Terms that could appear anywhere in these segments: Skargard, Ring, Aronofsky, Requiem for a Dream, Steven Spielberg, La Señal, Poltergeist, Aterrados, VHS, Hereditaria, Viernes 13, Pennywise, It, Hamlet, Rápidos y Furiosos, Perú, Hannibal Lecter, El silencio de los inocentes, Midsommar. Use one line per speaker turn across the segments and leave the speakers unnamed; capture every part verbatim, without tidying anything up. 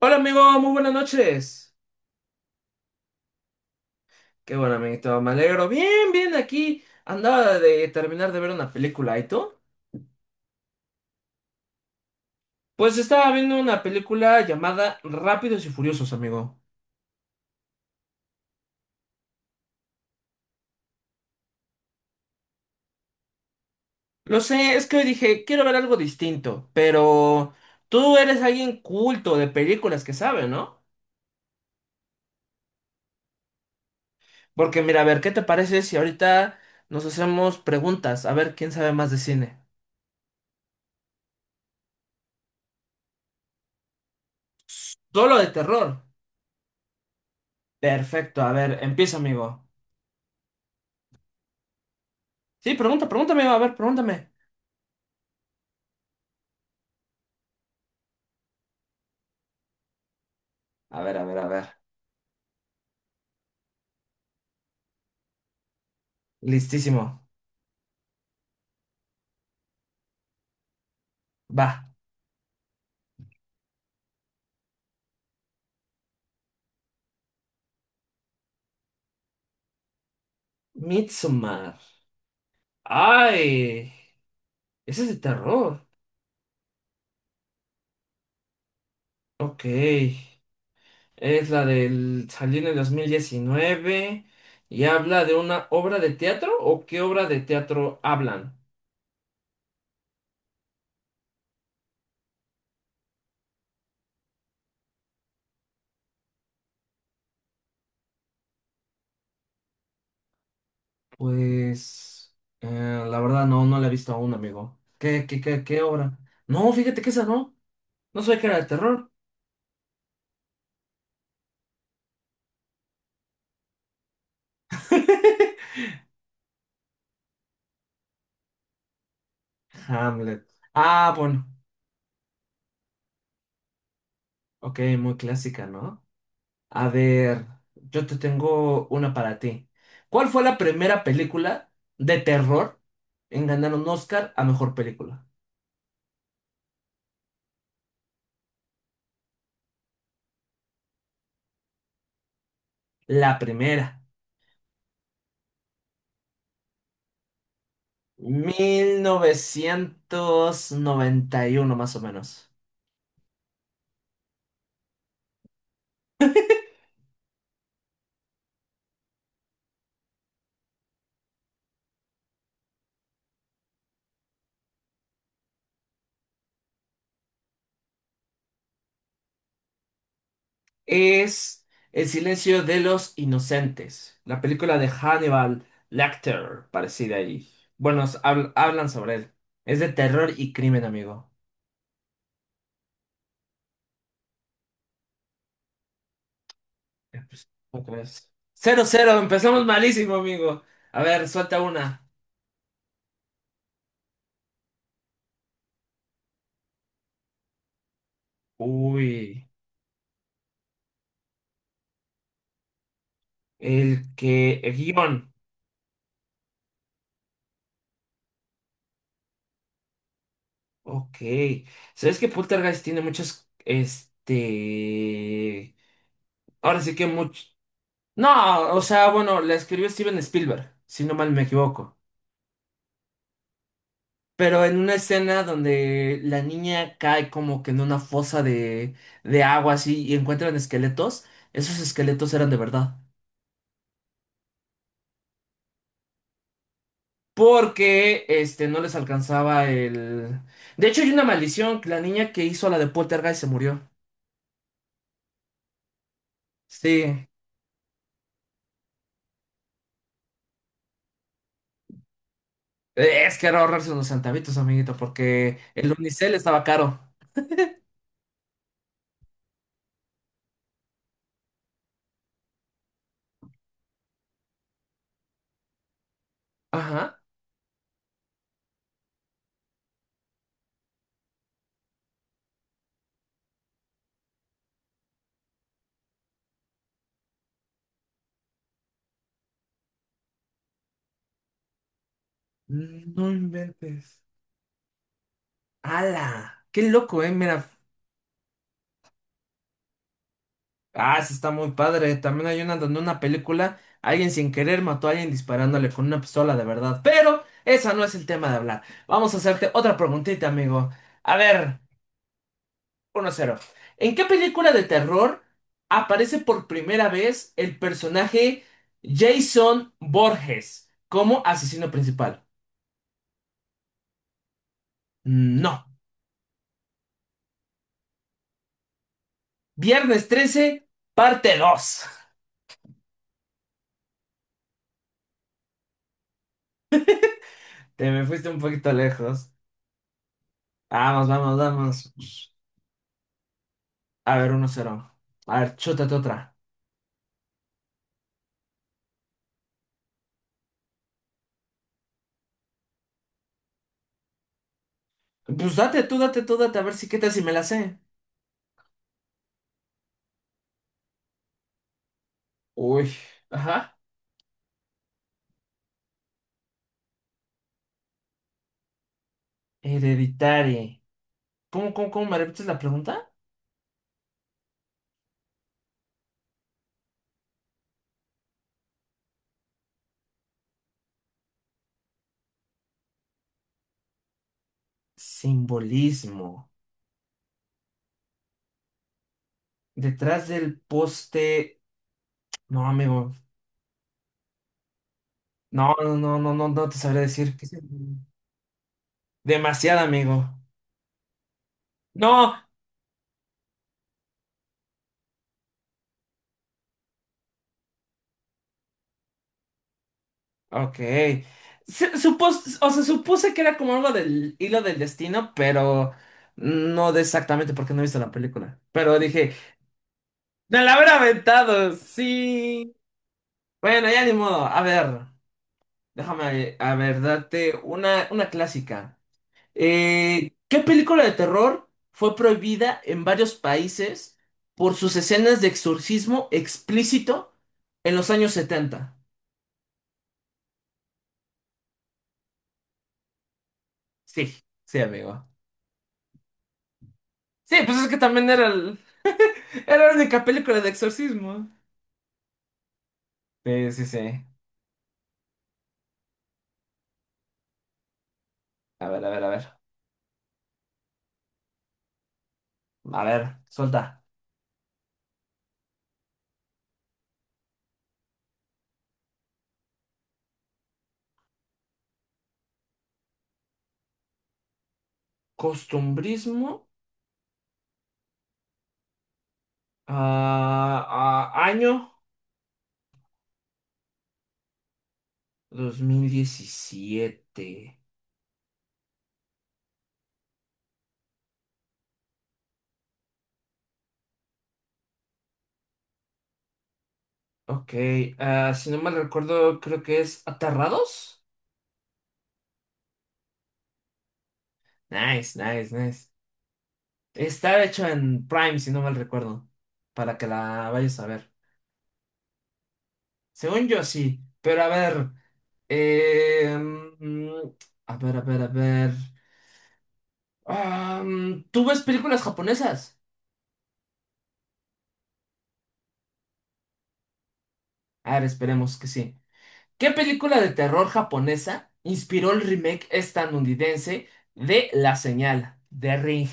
Hola amigo, muy buenas noches. Qué bueno, amiguito, me alegro. Bien, bien, aquí andaba de terminar de ver una película, ¿y tú? Pues estaba viendo una película llamada Rápidos y Furiosos, amigo. Lo sé, es que hoy dije, quiero ver algo distinto, pero tú eres alguien culto de películas que sabe, ¿no? Porque mira, a ver, ¿qué te parece si ahorita nos hacemos preguntas? A ver, ¿quién sabe más de cine? Solo de terror. Perfecto, a ver, empieza, amigo. Sí, pregunta, pregunta, amigo, a ver, pregúntame. A ver, a ver, a ver. Listísimo. Va. Midsommar. ¡Ay! Ese es de terror. Ok. Es la del salió en el dos mil diecinueve y habla de una obra de teatro o qué obra de teatro hablan. Pues... eh, la verdad no, no la he visto aún, amigo. ¿Qué, qué, qué, qué obra? No, fíjate que esa no. No sabía que era de terror. Hamlet. Ah, bueno. Ok, muy clásica, ¿no? A ver, yo te tengo una para ti. ¿Cuál fue la primera película de terror en ganar un Oscar a mejor película? La primera. Mil novecientos noventa y uno más o menos. Es El silencio de los inocentes. La película de Hannibal Lecter, parecida ahí. Bueno, s- habl- hablan sobre él. Es de terror y crimen, amigo. ¿Cómo crees? cero cero, empezamos malísimo, amigo. A ver, suelta una. Uy, el que... El guión. Ok. ¿Sabes que Poltergeist tiene muchos... Este... Ahora sí que mucho... No, o sea, bueno, la escribió Steven Spielberg, si no mal me equivoco. Pero en una escena donde la niña cae como que en una fosa de, de agua así y encuentran esqueletos, esos esqueletos eran de verdad. Porque este, no les alcanzaba el... De hecho, hay una maldición, que la niña que hizo la de Poltergeist se murió. Sí, es que era ahorrarse unos centavitos, amiguito, porque el unicel estaba caro. Ajá. No inventes. ¡Hala! ¡Qué loco, eh! Mira. Ah, sí está muy padre. También hay una donde una película, alguien sin querer mató a alguien disparándole con una pistola de verdad. Pero esa no es el tema de hablar. Vamos a hacerte otra preguntita, amigo. A ver. Uno cero. ¿En qué película de terror aparece por primera vez el personaje Jason Borges como asesino principal? No. Viernes trece, parte dos. Te me fuiste un poquito lejos. Vamos, vamos, vamos. A ver, uno cero. A ver, chútate otra. Pues date tú, date tú, date, a ver si qué tal si me la sé. Uy, ajá. Hereditaria. ¿Cómo, cómo, cómo me repites la pregunta? Simbolismo. Detrás del poste. No, amigo. No, no, no, no, no, no te sabré decir. ¿Qué es el- demasiado, amigo. No. Ok. Se- supos- o sea, supuse que era como algo del hilo del destino, pero no de exactamente porque no he visto la película. Pero dije, me la habrá aventado. Sí. Bueno, ya ni modo. A ver, déjame, a ver, darte una, una clásica. Eh, ¿qué película de terror fue prohibida en varios países por sus escenas de exorcismo explícito en los años setenta? Sí, sí, amigo. Sí, pues es que también era, el- era la única película de exorcismo. Sí, sí, sí. A ver, a ver, a ver. A ver, suelta. Costumbrismo. Ah, ah, año dos mil diecisiete. Ok, ah, si no mal recuerdo, creo que es Aterrados. Nice, nice, nice. Está hecho en Prime, si no mal recuerdo, para que la vayas a ver. Según yo, sí, pero a ver, eh, mm, a ver, a ver, a ver. Ah, mm, ¿tú ves películas japonesas? A ver, esperemos que sí. ¿Qué película de terror japonesa inspiró el remake estadounidense de La Señal, de Ring,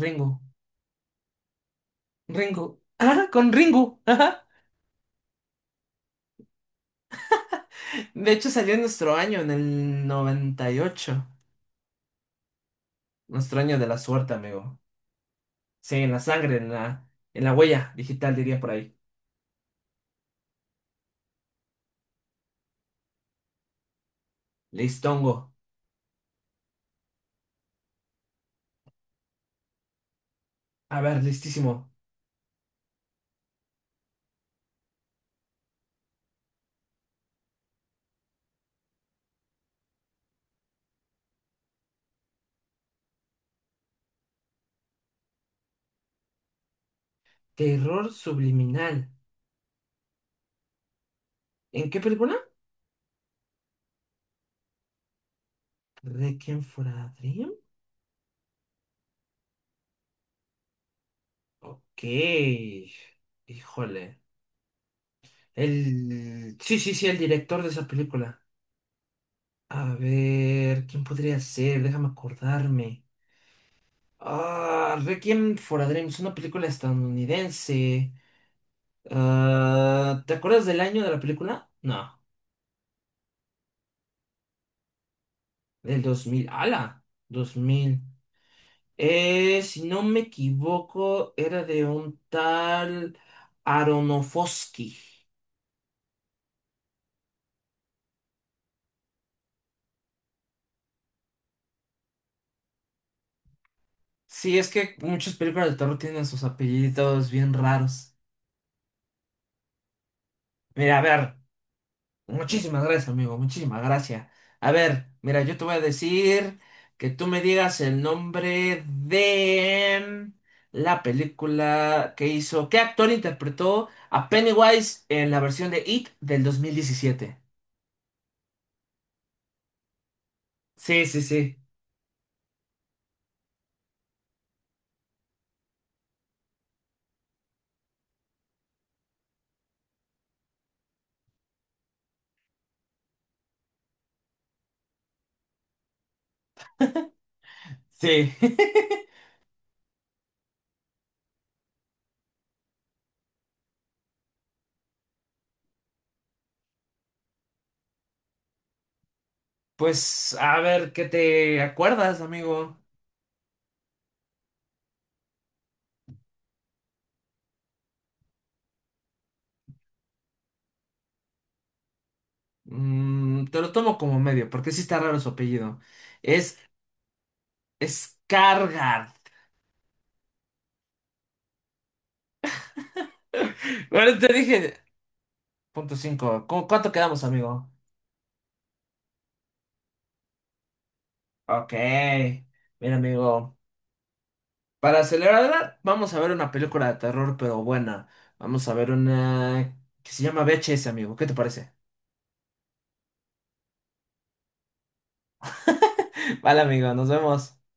Ringo, Ringo? Ah, con Ringo. Ajá. De hecho, salió en nuestro año, en el noventa y ocho. Nuestro año de la suerte, amigo. Sí, en la sangre, en la, en la huella digital, diría por ahí. Listongo. A ver, listísimo. Terror subliminal. ¿En qué película? ¿Requiem for a Dream? Ok. Híjole. El... Sí, sí, sí, el director de esa película. A ver, ¿quién podría ser? Déjame acordarme. Ah, Requiem for a Dream es una película estadounidense. Ah, ¿te acuerdas del año de la película? No, del dos mil. ¡Hala! Dos mil. Eh, si no me equivoco, era de un tal Aronofsky. Sí, es que muchas películas de terror tienen sus apellidos bien raros. Mira, a ver, muchísimas gracias, amigo, muchísimas gracias. A ver, mira, yo te voy a decir que tú me digas el nombre de la película que hizo, qué actor interpretó a Pennywise en la versión de It del dos mil diecisiete. Sí, sí, sí, sí. Pues a ver, ¿qué te acuerdas, amigo? Mm, te lo tomo como medio, porque sí está raro su apellido. Es Skargard. Bueno, te dije, punto cinco. ¿Cu- ¿Cuánto quedamos, amigo? Ok. Mira, amigo. Para celebrar, vamos a ver una película de terror, pero buena. Vamos a ver una que se llama V H S, amigo. ¿Qué te parece? Vale, amigo, nos vemos.